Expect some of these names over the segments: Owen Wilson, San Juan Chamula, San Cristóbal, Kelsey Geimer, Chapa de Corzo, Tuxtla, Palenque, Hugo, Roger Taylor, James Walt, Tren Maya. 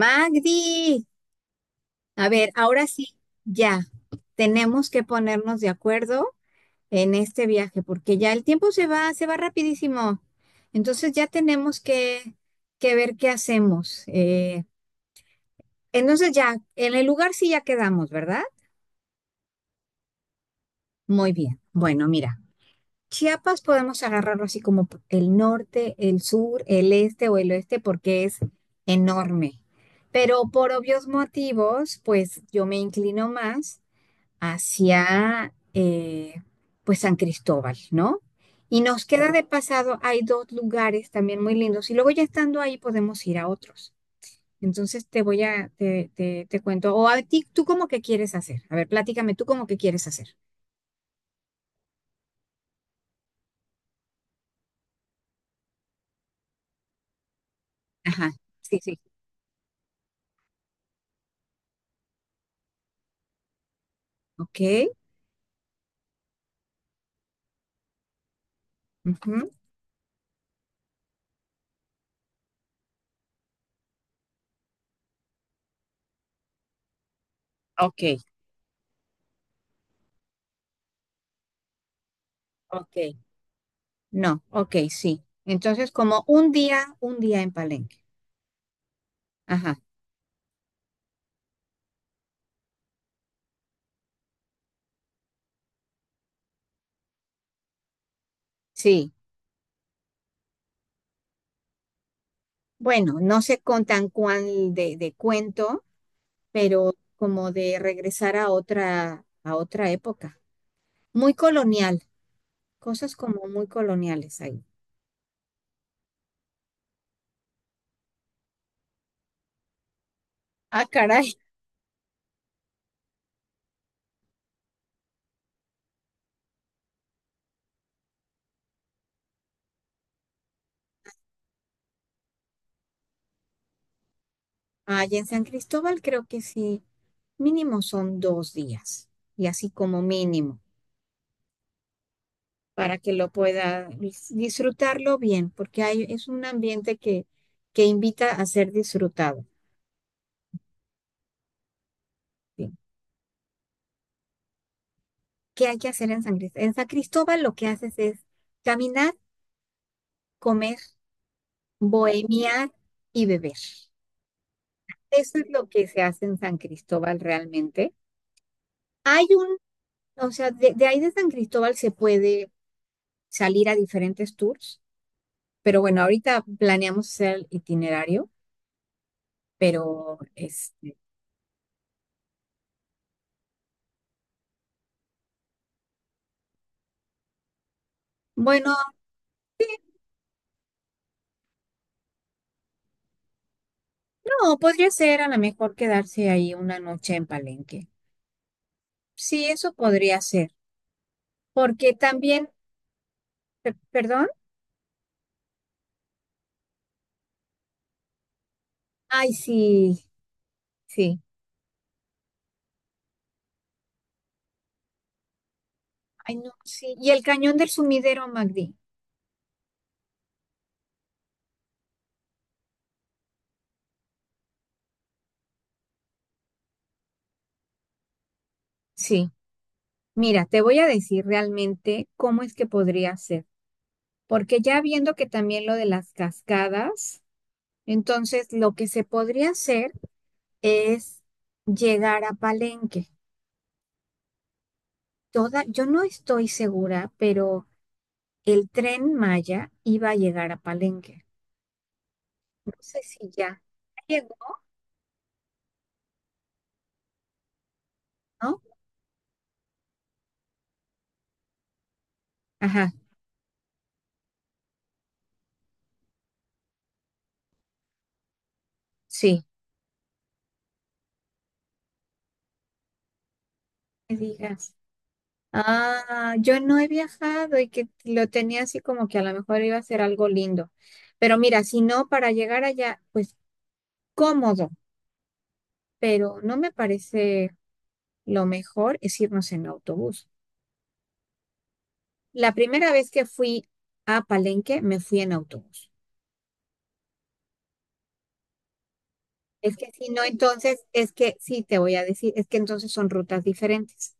Magdi, a ver, ahora sí, ya, tenemos que ponernos de acuerdo en este viaje, porque ya el tiempo se va rapidísimo. Entonces ya, tenemos que ver qué hacemos. Entonces ya, en el lugar sí ya quedamos, ¿verdad? Muy bien. Bueno, mira, Chiapas podemos agarrarlo así como el norte, el sur, el este o el oeste, porque es enorme. Pero por obvios motivos, pues yo me inclino más hacia pues San Cristóbal, ¿no? Y nos queda de pasado, hay dos lugares también muy lindos y luego ya estando ahí podemos ir a otros. Entonces te voy a, te cuento, o a ti, ¿tú cómo que quieres hacer? A ver, platícame, ¿tú cómo que quieres hacer? Ajá, sí, sí. Ok, ujú, ok, ok. No, ok, sí. Entonces, como un día en Palenque. Ajá, sí. Bueno, no sé con tan cuál de cuento, pero como de regresar a otra época. Muy colonial, cosas como muy coloniales ahí. Ah, caray. Allá en San Cristóbal creo que sí, mínimo son 2 días, y así como mínimo, para que lo pueda disfrutarlo bien, porque hay, es un ambiente que invita a ser disfrutado. ¿Sí? ¿Qué hay que hacer en San Cristóbal? En San Cristóbal lo que haces es caminar, comer, bohemiar y beber. Eso es lo que se hace en San Cristóbal realmente. Hay un, o sea, de ahí de San Cristóbal se puede salir a diferentes tours, pero bueno, ahorita planeamos hacer el itinerario, pero este, bueno, no, podría ser a lo mejor quedarse ahí una noche en Palenque. Sí, eso podría ser, porque también, perdón, ay, sí, sí, ay, no, sí. Y el cañón del sumidero, Magdi, sí. Mira, te voy a decir realmente cómo es que podría ser. Porque ya viendo que también lo de las cascadas, entonces lo que se podría hacer es llegar a Palenque. Toda, yo no estoy segura, pero el tren Maya iba a llegar a Palenque. No sé si ya llegó, ¿no? Ajá, sí, me digas. Ah, yo no he viajado y que lo tenía así como que a lo mejor iba a ser algo lindo. Pero mira, si no, para llegar allá, pues cómodo, pero no me parece. Lo mejor es irnos en autobús. La primera vez que fui a Palenque, me fui en autobús. Es que si no, entonces, es que sí, te voy a decir, es que entonces son rutas diferentes.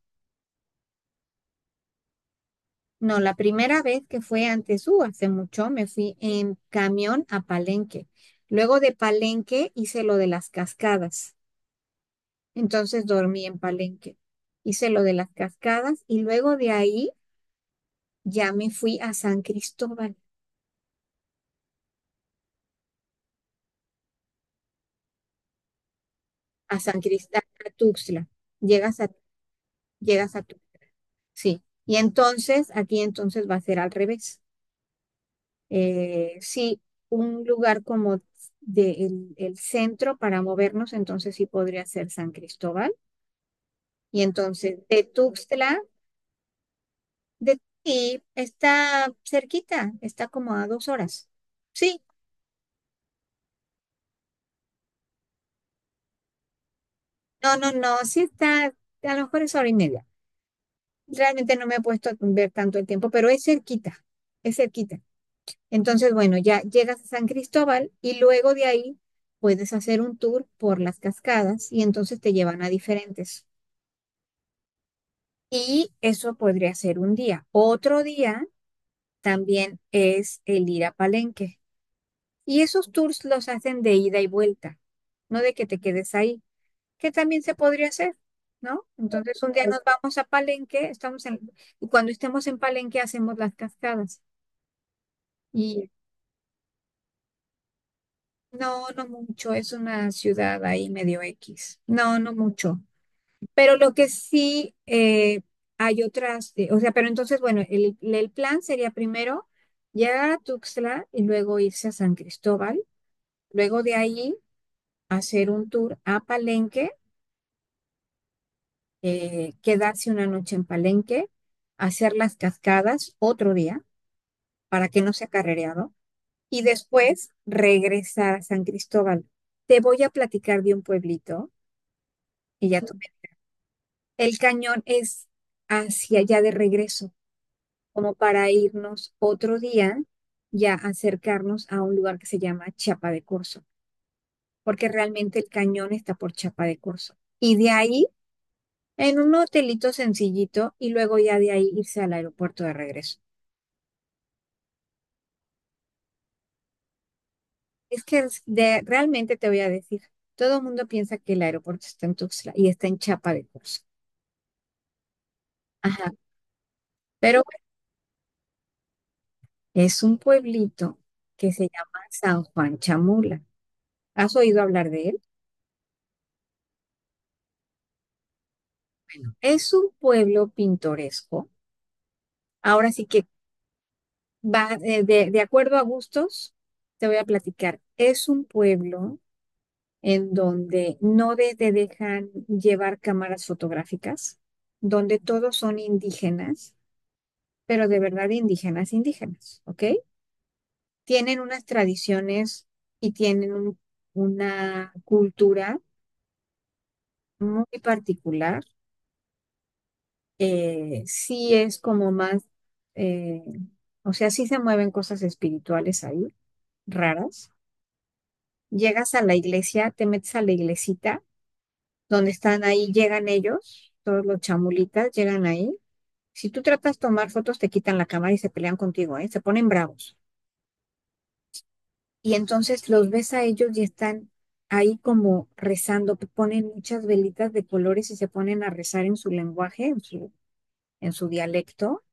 No, la primera vez que fue antes, hace mucho, me fui en camión a Palenque. Luego de Palenque hice lo de las cascadas. Entonces dormí en Palenque. Hice lo de las cascadas y luego de ahí ya me fui a San Cristóbal, a San Cristóbal, a Tuxtla. Llegas a, llegas a. Sí, y entonces aquí entonces va a ser al revés. Sí, un lugar como de el centro para movernos, entonces sí podría ser San Cristóbal. Y entonces de Tuxtla, de ti está cerquita, está como a 2 horas. Sí, no, no, no, sí está, a lo mejor es hora y media. Realmente no me he puesto a ver tanto el tiempo, pero es cerquita, es cerquita. Entonces, bueno, ya llegas a San Cristóbal y luego de ahí puedes hacer un tour por las cascadas y entonces te llevan a diferentes. Y eso podría ser un día. Otro día también es el ir a Palenque. Y esos tours los hacen de ida y vuelta, no de que te quedes ahí, que también se podría hacer, ¿no? Entonces un día nos vamos a Palenque, estamos en, y cuando estemos en Palenque hacemos las cascadas. Y no, no mucho, es una ciudad ahí medio X. No, no mucho. Pero lo que sí hay otras, o sea, pero entonces, bueno, el plan sería primero llegar a Tuxtla y luego irse a San Cristóbal, luego de ahí hacer un tour a Palenque, quedarse una noche en Palenque, hacer las cascadas otro día para que no sea carrereado y después regresar a San Cristóbal. Te voy a platicar de un pueblito y ya tú. El cañón es hacia allá de regreso, como para irnos otro día, ya acercarnos a un lugar que se llama Chapa de Corzo, porque realmente el cañón está por Chapa de Corzo. Y de ahí, en un hotelito sencillito, y luego ya de ahí irse al aeropuerto de regreso. Es que es realmente te voy a decir, todo el mundo piensa que el aeropuerto está en Tuxtla y está en Chapa de Corzo. Ajá, pero bueno, es un pueblito que se llama San Juan Chamula. ¿Has oído hablar de él? Es un pueblo pintoresco. Ahora sí que va de acuerdo a gustos, te voy a platicar. Es un pueblo en donde no te dejan llevar cámaras fotográficas, donde todos son indígenas, pero de verdad indígenas, indígenas, ¿ok? Tienen unas tradiciones y tienen una cultura muy particular, sí es como más, eh, o sea, sí se mueven cosas espirituales ahí, raras. Llegas a la iglesia, te metes a la iglesita, donde están ahí, llegan ellos, todos los chamulitas llegan ahí. Si tú tratas de tomar fotos, te quitan la cámara y se pelean contigo, ¿eh? Se ponen bravos. Y entonces los ves a ellos y están ahí como rezando, ponen muchas velitas de colores y se ponen a rezar en su lenguaje, en su dialecto.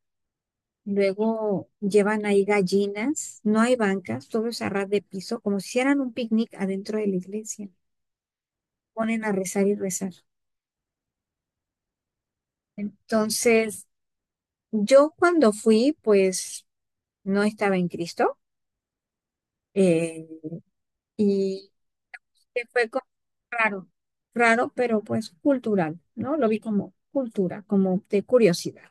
Luego llevan ahí gallinas, no hay bancas, todo es a ras de piso, como si hicieran un picnic adentro de la iglesia. Ponen a rezar y rezar. Entonces, yo cuando fui, pues no estaba en Cristo, eh, y que fue como raro, raro, pero pues cultural, ¿no? Lo vi como cultura, como de curiosidad.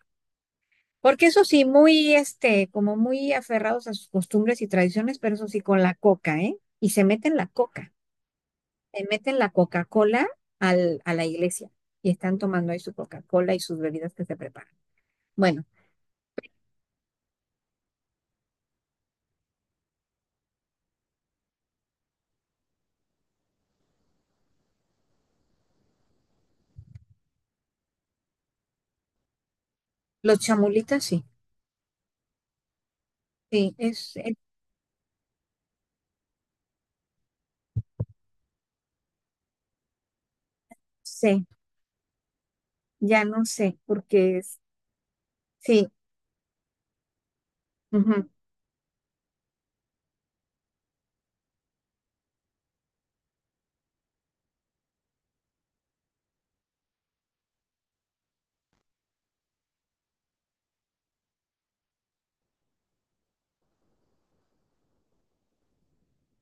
Porque eso sí, muy, este, como muy aferrados a sus costumbres y tradiciones, pero eso sí, con la coca, ¿eh? Y se meten la coca. Le meten la Coca-Cola a la iglesia y están tomando ahí su Coca-Cola y sus bebidas que se preparan. Bueno, los chamulitas sí, sí, es, sé, ya no sé, porque es, sí, ujú.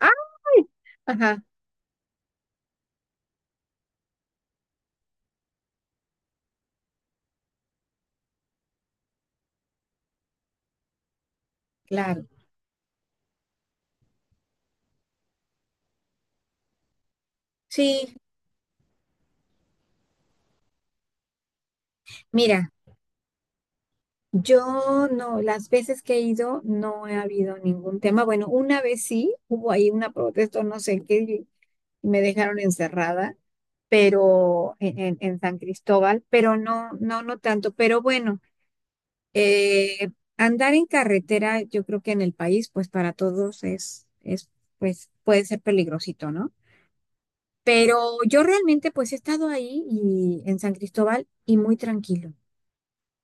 ¡Ay! Ajá, claro, sí, mira, yo no, las veces que he ido no ha habido ningún tema, bueno, una vez sí, hubo ahí una protesta, no sé qué, y me dejaron encerrada, pero en San Cristóbal, pero no, no, no tanto, pero bueno. Eh, Andar en carretera, yo creo que en el país, pues para todos es, pues puede ser peligrosito, ¿no? Pero yo realmente, pues he estado ahí y en San Cristóbal y muy tranquilo.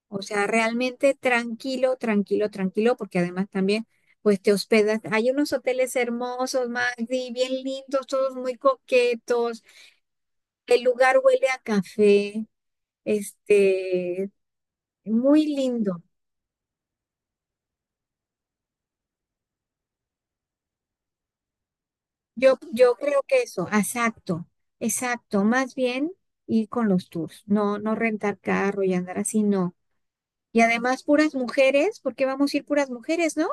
O sea, realmente tranquilo, tranquilo, tranquilo, porque además también, pues te hospedas. Hay unos hoteles hermosos, Magdi, bien lindos, todos muy coquetos. El lugar huele a café, este, muy lindo. Yo creo que eso, exacto, exacto, más bien ir con los tours, no, no rentar carro y andar así, no. Y además puras mujeres, ¿por qué vamos a ir puras mujeres, no?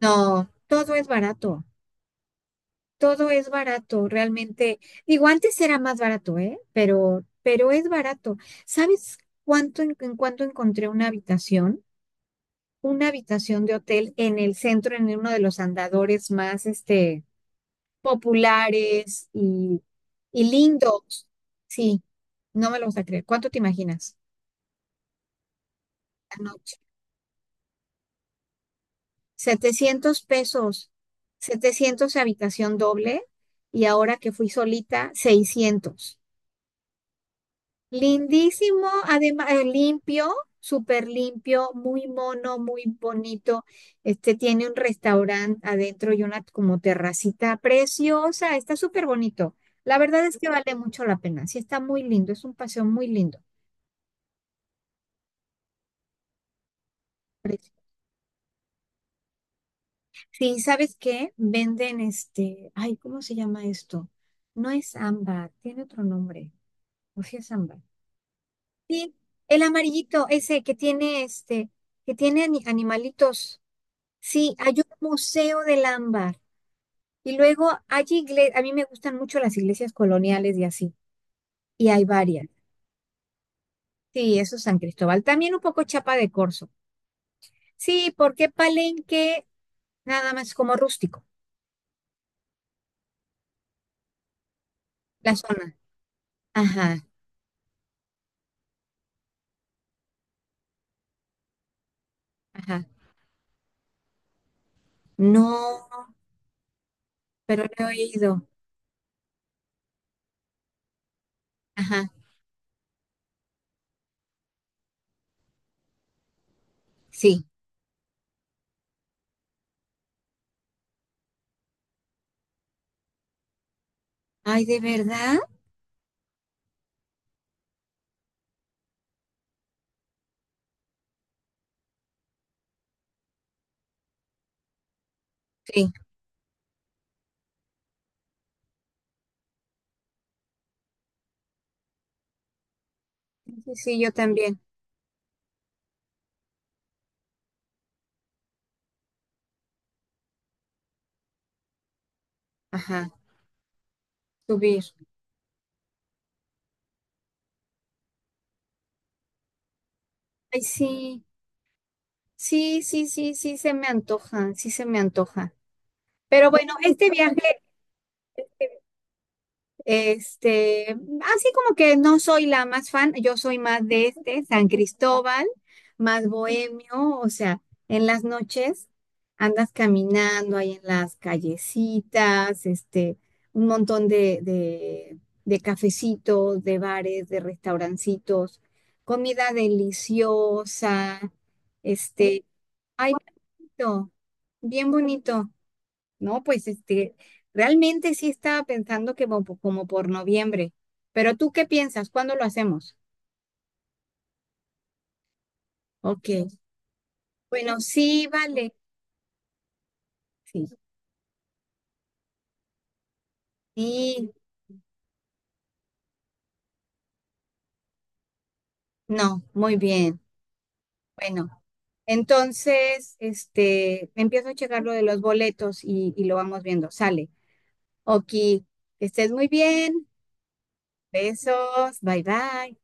No, todo es barato, realmente. Digo, antes era más barato, ¿eh? Pero es barato. ¿Sabes cuánto en cuánto encontré una habitación? Una habitación de hotel en el centro, en uno de los andadores más, este, populares y lindos. Sí, no me lo vas a creer. ¿Cuánto te imaginas? La noche. 700 pesos, 700 habitación doble y ahora que fui solita, 600. Lindísimo, además limpio, súper limpio, muy mono, muy bonito. Este tiene un restaurante adentro y una como terracita preciosa, está súper bonito. La verdad es que vale mucho la pena. Sí, está muy lindo, es un paseo muy lindo. Precio. Sí, ¿sabes qué? Venden este, ay, ¿cómo se llama esto? No es ámbar, tiene otro nombre, o si es ámbar. Sí, el amarillito, ese que tiene este, que tiene animalitos. Sí, hay un museo del ámbar. Y luego hay iglesias, a mí me gustan mucho las iglesias coloniales y así, y hay varias. Sí, eso es San Cristóbal. También un poco Chapa de Corzo. Sí, porque Palenque nada más como rústico, la zona. Ajá, ajá. No, pero no he ido. Ajá, sí. Ay, ¿de verdad? Sí, sí, sí, yo también. Ajá, subir. Ay, sí, sí, sí, sí, sí, se me antoja, sí se me antoja. Pero bueno, este viaje, este, así como que no soy la más fan, yo soy más de este, San Cristóbal, más bohemio, o sea, en las noches andas caminando ahí en las callecitas, este, un montón de cafecitos, de bares, de restaurancitos, comida deliciosa, este, ay, bonito, bien bonito. No, pues este, realmente sí estaba pensando que como, como por noviembre. ¿Pero tú qué piensas? ¿Cuándo lo hacemos? Ok. Bueno, sí, vale. Sí. Sí, no, muy bien. Bueno, entonces, este, empiezo a checar lo de los boletos y lo vamos viendo. Sale. Ok, que estés muy bien. Besos. Bye bye.